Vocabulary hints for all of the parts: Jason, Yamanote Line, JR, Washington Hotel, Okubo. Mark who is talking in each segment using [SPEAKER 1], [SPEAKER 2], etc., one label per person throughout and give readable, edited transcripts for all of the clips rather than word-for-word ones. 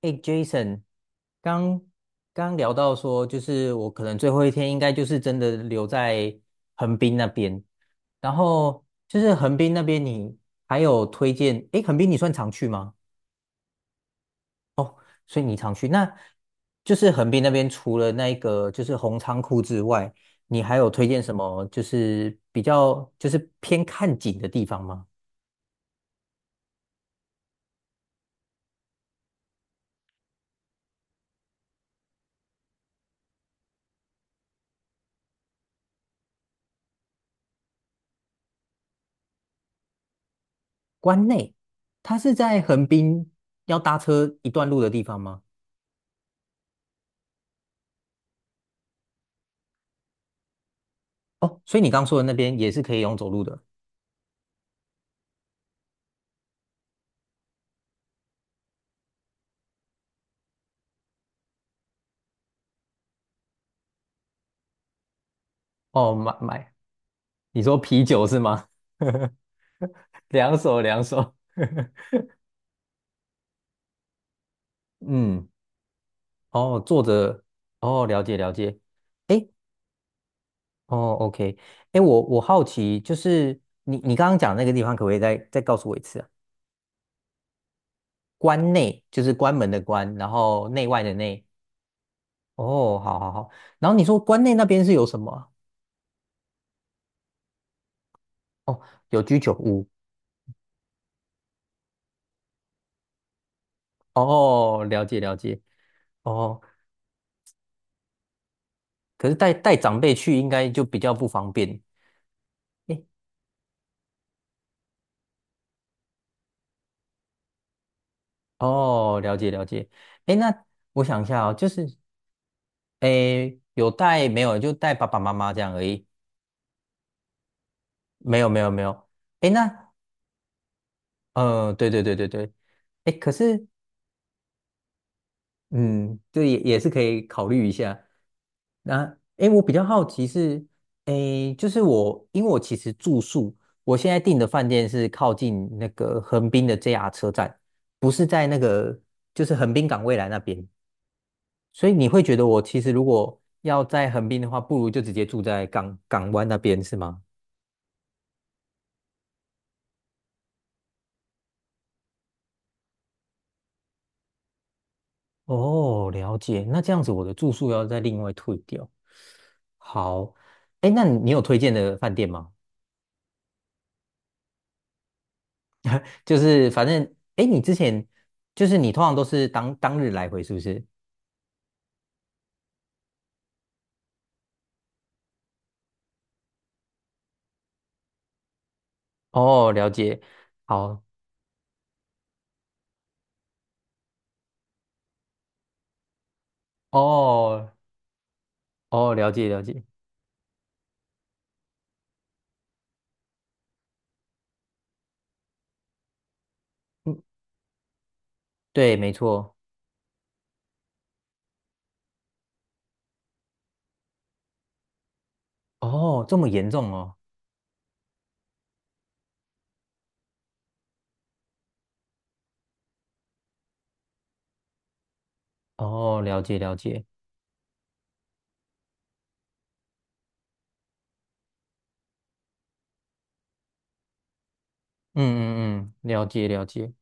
[SPEAKER 1] 哎，Jason，刚刚聊到说，就是我可能最后一天应该就是真的留在横滨那边，然后就是横滨那边你还有推荐，哎，横滨你算常去吗？所以你常去，那就是横滨那边除了那个就是红仓库之外，你还有推荐什么就是比较就是偏看景的地方吗？关内，它是在横滨要搭车一段路的地方吗？哦，所以你刚说的那边也是可以用走路的。哦，买买，你说啤酒是吗？两手两手，嗯，哦，坐着，哦，了解了解，诶，哦，OK，诶，我好奇，就是你刚刚讲那个地方，可不可以再告诉我一次啊？关内就是关门的关，然后内外的内，哦，好好好，然后你说关内那边是有什么啊哦，有居酒屋，哦，了解了解，哦，可是带长辈去应该就比较不方便。诶哦，了解了解。哎，那我想一下哦，就是哎，诶有带没有？就带爸爸妈妈这样而已。没有没有没有。哎，那对对对对对。哎，可是嗯，这也是可以考虑一下。那哎，诶我比较好奇是，哎，就是我因为我其实住宿，我现在订的饭店是靠近那个横滨的 JR 车站，不是在那个就是横滨港未来那边。所以你会觉得我其实如果要在横滨的话，不如就直接住在港湾那边，是吗？哦，了解。那这样子我的住宿要再另外退掉。好，哎，那你有推荐的饭店吗？就是反正，哎，你之前就是你通常都是当日来回，是不是？哦，了解。好，哦哦，了解了解。嗯，对，没错。哦，这么严重哦。哦，了解了解。嗯嗯嗯，了解了解。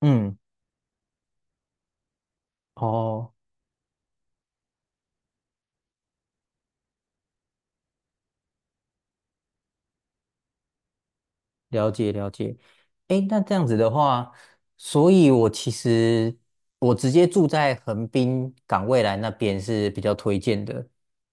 [SPEAKER 1] 嗯。哦，了解了解。诶，那这样子的话，所以我其实我直接住在横滨港未来那边是比较推荐的。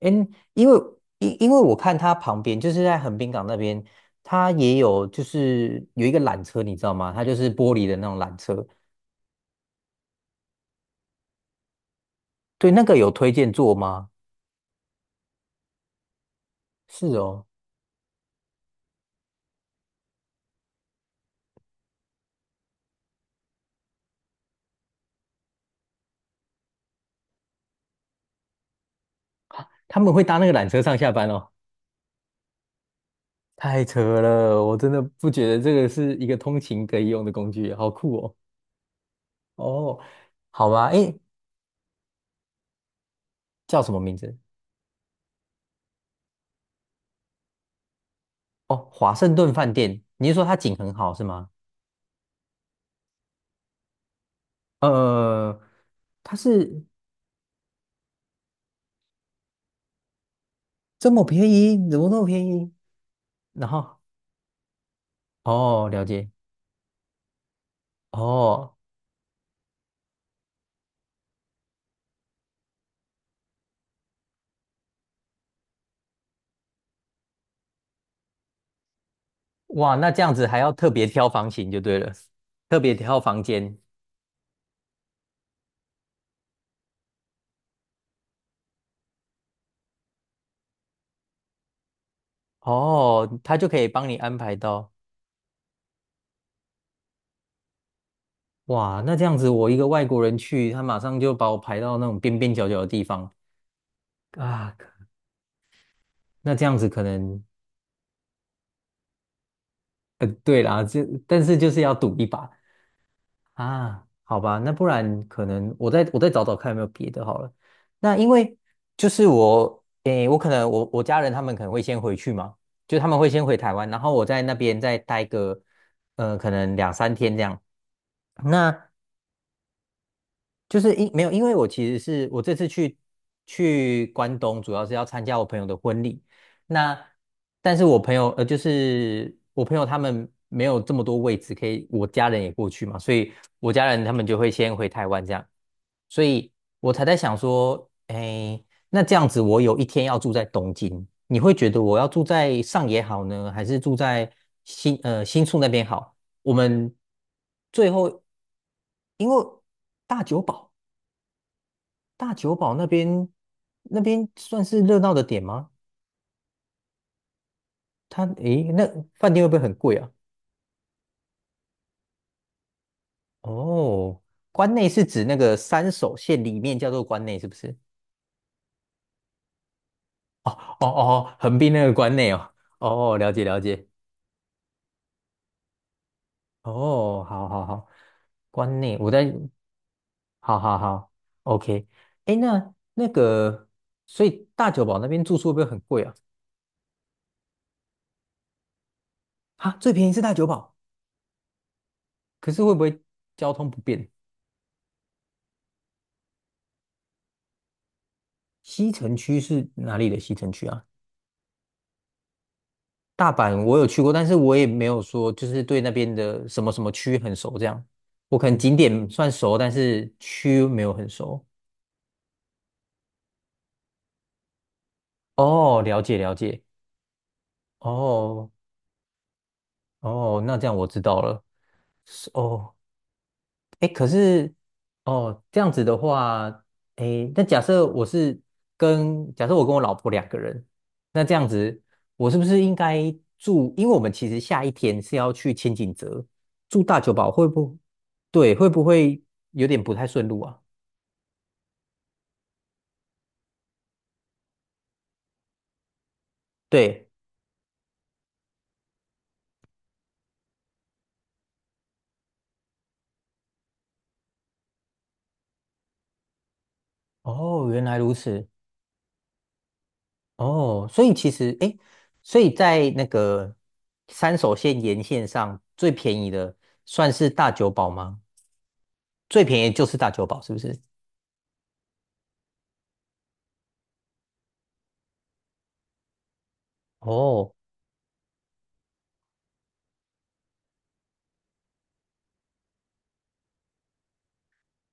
[SPEAKER 1] 诶，因为因为我看它旁边就是在横滨港那边，它也有就是有一个缆车，你知道吗？它就是玻璃的那种缆车。对，那个有推荐坐吗？是哦，他们会搭那个缆车上下班哦。太扯了，我真的不觉得这个是一个通勤可以用的工具，好酷哦。哦，好吧，诶，叫什么名字？哦，华盛顿饭店。你是说它景很好是吗？呃，它是这么便宜，怎么那么便宜？然后，哦，了解。哦，哇，那这样子还要特别挑房型就对了，特别挑房间。哦，他就可以帮你安排到。哇，那这样子我一个外国人去，他马上就把我排到那种边边角角的地方啊。那这样子可能，对啦，就但是就是要赌一把。啊，好吧，那不然可能我再找找看有没有别的好了。那因为就是我，诶，我可能我家人他们可能会先回去嘛，就他们会先回台湾，然后我在那边再待个，可能两三天这样。那就是因没有，因为我其实是我这次去关东，主要是要参加我朋友的婚礼。那但是我朋友就是我朋友他们没有这么多位置可以，我家人也过去嘛，所以我家人他们就会先回台湾这样，所以我才在想说，哎，那这样子我有一天要住在东京，你会觉得我要住在上野好呢，还是住在新宿那边好？我们最后因为大久保。大久保那边算是热闹的点吗？它诶，那饭店会不会很贵啊？哦，关内是指那个三手线里面叫做关内，是不是？哦哦哦，横滨那个关内哦。哦，了解了解。哦，好好好，关内我在，好好好，OK。诶，那个，所以大久保那边住宿会不会很贵啊？啊，最便宜是大久保，可是会不会交通不便？西城区是哪里的西城区啊？大阪我有去过，但是我也没有说就是对那边的什么什么区很熟这样。我可能景点算熟，但是区没有很熟。哦，了解了解。哦哦，那这样我知道了。是哦，哎，可是哦，这样子的话，哎，那假设我是跟假设我跟我老婆两个人，那这样子，我是不是应该住？因为我们其实下一天是要去千景泽住大久保，会不对？会不会有点不太顺路啊？对，哦，原来如此，哦，所以其实哎，所以在那个山手线沿线上最便宜的算是大久保吗？最便宜就是大久保，是不是？哦，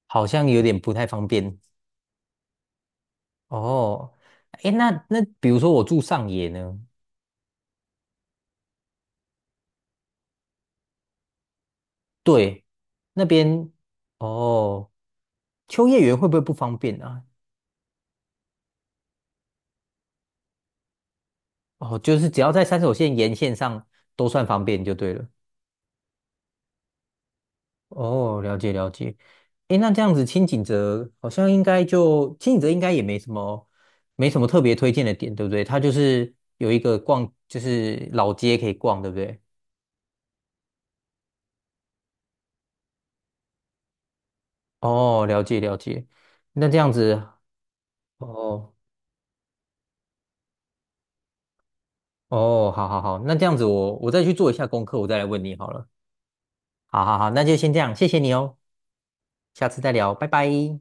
[SPEAKER 1] 好像有点不太方便哦。诶，那比如说我住上野呢，对，那边哦，秋叶原会不会不方便啊？哦，就是只要在山手线沿线上都算方便就对了。哦，了解了解。诶，那这样子清景泽好像应该就清景泽应该也没什么特别推荐的点，对不对？它就是有一个逛，就是老街可以逛，对不对？哦，了解了解。那这样子。哦，哦，好好好，那这样子我再去做一下功课，我再来问你好了。好好好，那就先这样，谢谢你哦，下次再聊，拜拜。